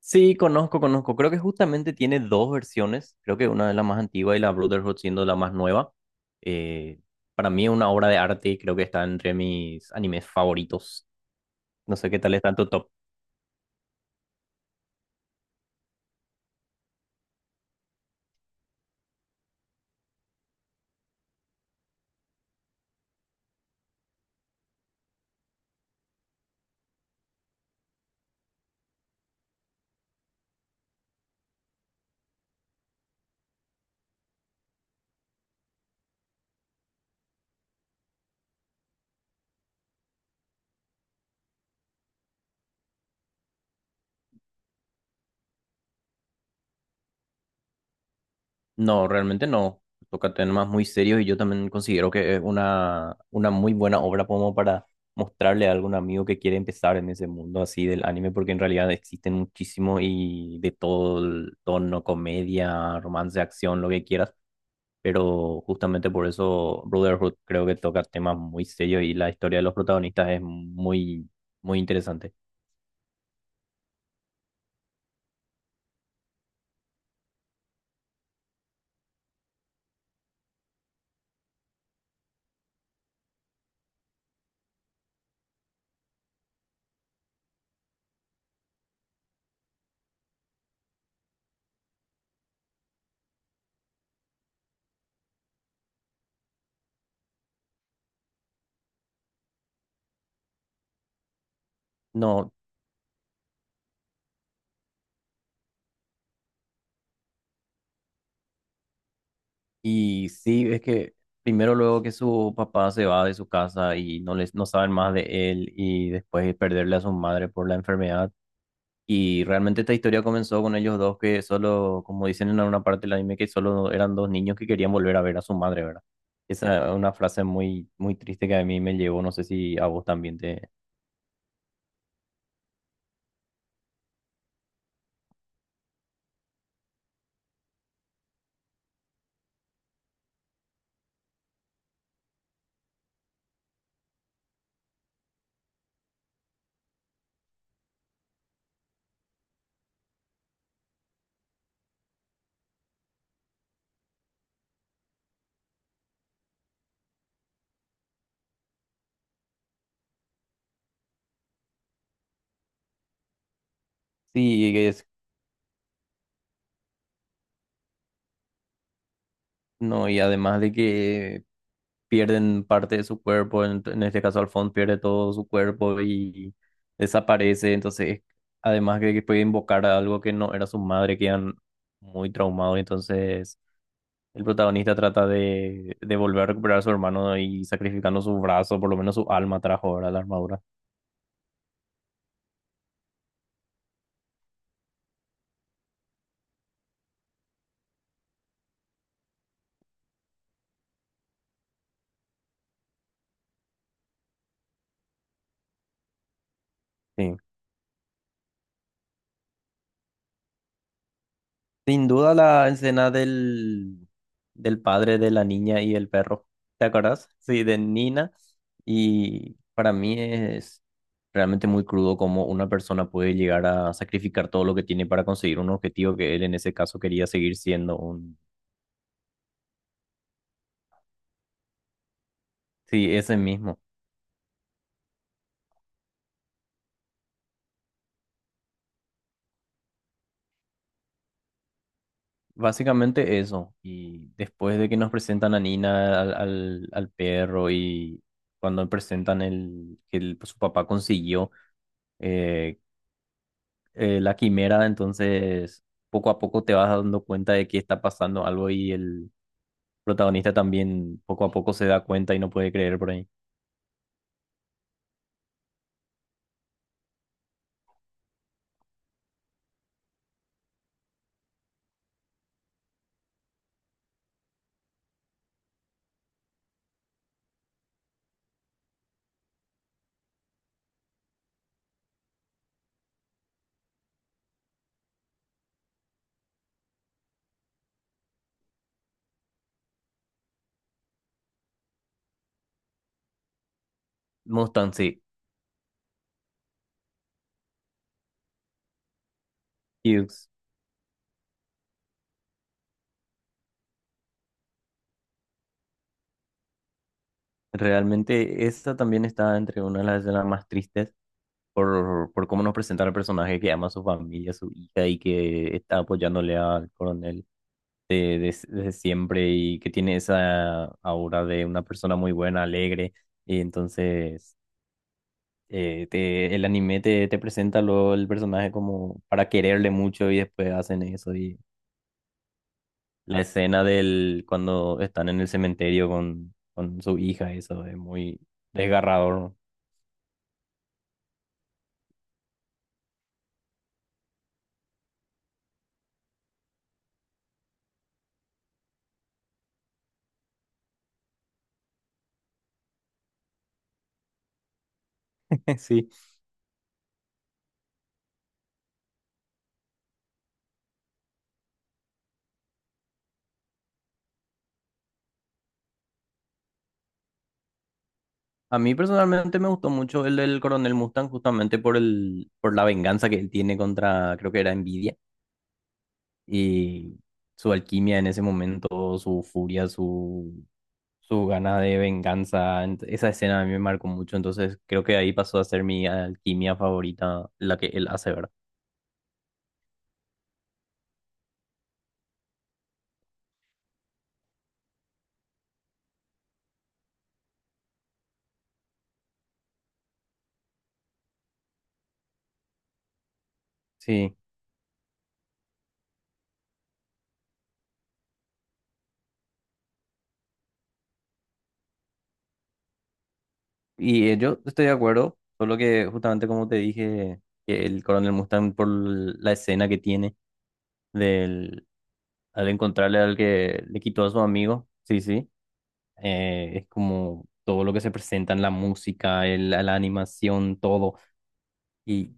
Sí, conozco, conozco. Creo que justamente tiene dos versiones. Creo que una es la más antigua y la Brotherhood siendo la más nueva. Eh, para mí es una obra de arte. Creo que está entre mis animes favoritos. No sé qué tal está en tu top. No, realmente no. Toca temas muy serios y yo también considero que es una muy buena obra como para mostrarle a algún amigo que quiere empezar en ese mundo así del anime, porque en realidad existen muchísimo y de todo el tono, comedia, romance, acción, lo que quieras. Pero justamente por eso Brotherhood creo que toca temas muy serios y la historia de los protagonistas es muy interesante. No, y sí, es que primero luego que su papá se va de su casa y no no saben más de él y después perderle a su madre por la enfermedad. Y realmente esta historia comenzó con ellos dos que solo, como dicen en alguna parte del anime, que solo eran dos niños que querían volver a ver a su madre, ¿verdad? Esa es una frase muy triste que a mí me llevó, no sé si a vos también te... Sí, es. No, y además de que pierden parte de su cuerpo, en este caso Alphonse pierde todo su cuerpo y desaparece, entonces además de que puede invocar a algo que no era su madre, quedan muy traumados, entonces el protagonista trata de volver a recuperar a su hermano y sacrificando su brazo, por lo menos su alma trajo ahora la armadura. Sí. Sin duda la escena del padre de la niña y el perro. ¿Te acuerdas? Sí, de Nina. Y para mí es realmente muy crudo cómo una persona puede llegar a sacrificar todo lo que tiene para conseguir un objetivo que él en ese caso quería seguir siendo un... Sí, ese mismo. Básicamente eso. Y después de que nos presentan a Nina, al perro y cuando presentan el que su papá consiguió eh, la quimera, entonces poco a poco te vas dando cuenta de que está pasando algo y el protagonista también poco a poco se da cuenta y no puede creer por ahí. Mustang, sí. Hughes. Realmente esa también está entre una de las escenas más tristes por cómo nos presenta el personaje que ama a su familia, a su hija y que está apoyándole al coronel desde siempre y que tiene esa aura de una persona muy buena, alegre. Y entonces el anime te presenta luego el personaje como para quererle mucho y después hacen eso. Y la escena del cuando están en el cementerio con su hija, eso es muy desgarrador. Sí, a mí personalmente me gustó mucho el del Coronel Mustang justamente por por la venganza que él tiene contra, creo que era Nvidia y su alquimia en ese momento, su furia, su gana de venganza. Esa escena a mí me marcó mucho, entonces creo que ahí pasó a ser mi alquimia favorita, la que él hace, ¿verdad? Sí, y yo estoy de acuerdo, solo que justamente como te dije, que el coronel Mustang por la escena que tiene del, al encontrarle al que le quitó a su amigo, sí, sí, es como todo lo que se presenta en la música, la animación, todo. Y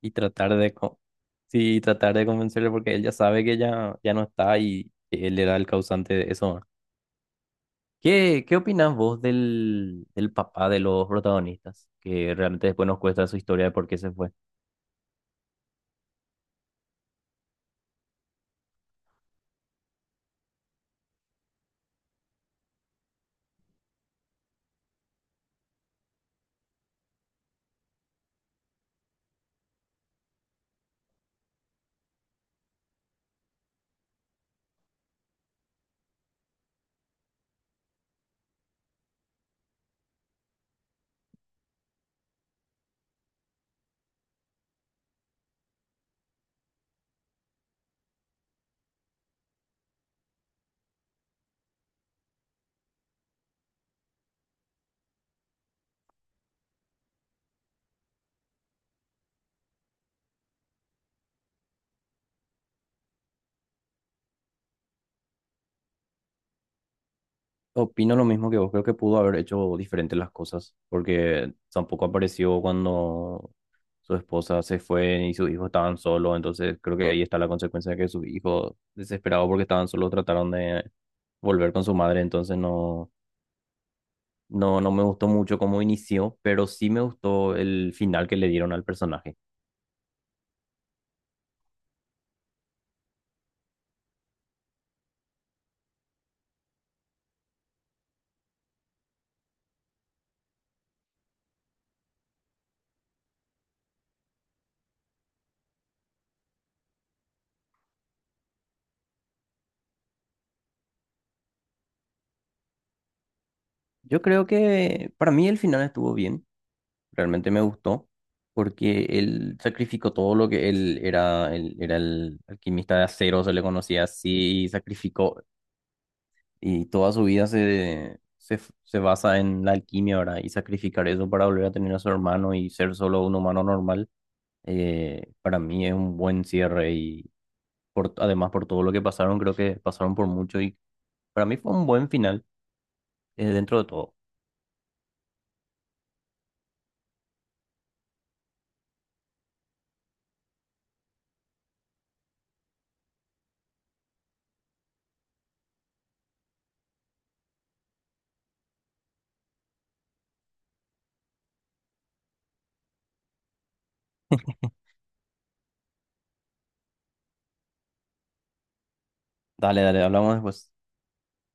y tratar de, sí, y tratar de convencerle porque él ya sabe que ya no está y él era el causante de eso, ¿no? ¿Qué, qué opinas vos del papá de los protagonistas? Que realmente después nos cuesta su historia de por qué se fue. Opino lo mismo que vos, creo que pudo haber hecho diferentes las cosas, porque tampoco apareció cuando su esposa se fue y sus hijos estaban solos, entonces creo que ahí está la consecuencia de que sus hijos, desesperados porque estaban solos, trataron de volver con su madre, entonces no. No, no me gustó mucho cómo inició, pero sí me gustó el final que le dieron al personaje. Yo creo que para mí el final estuvo bien, realmente me gustó, porque él sacrificó todo lo que él era el alquimista de acero, se le conocía así, y sacrificó, y toda su vida se basa en la alquimia, ahora. Y sacrificar eso para volver a tener a su hermano y ser solo un humano normal, para mí es un buen cierre además por todo lo que pasaron, creo que pasaron por mucho y para mí fue un buen final, dentro de todo. Dale, dale, hablamos después.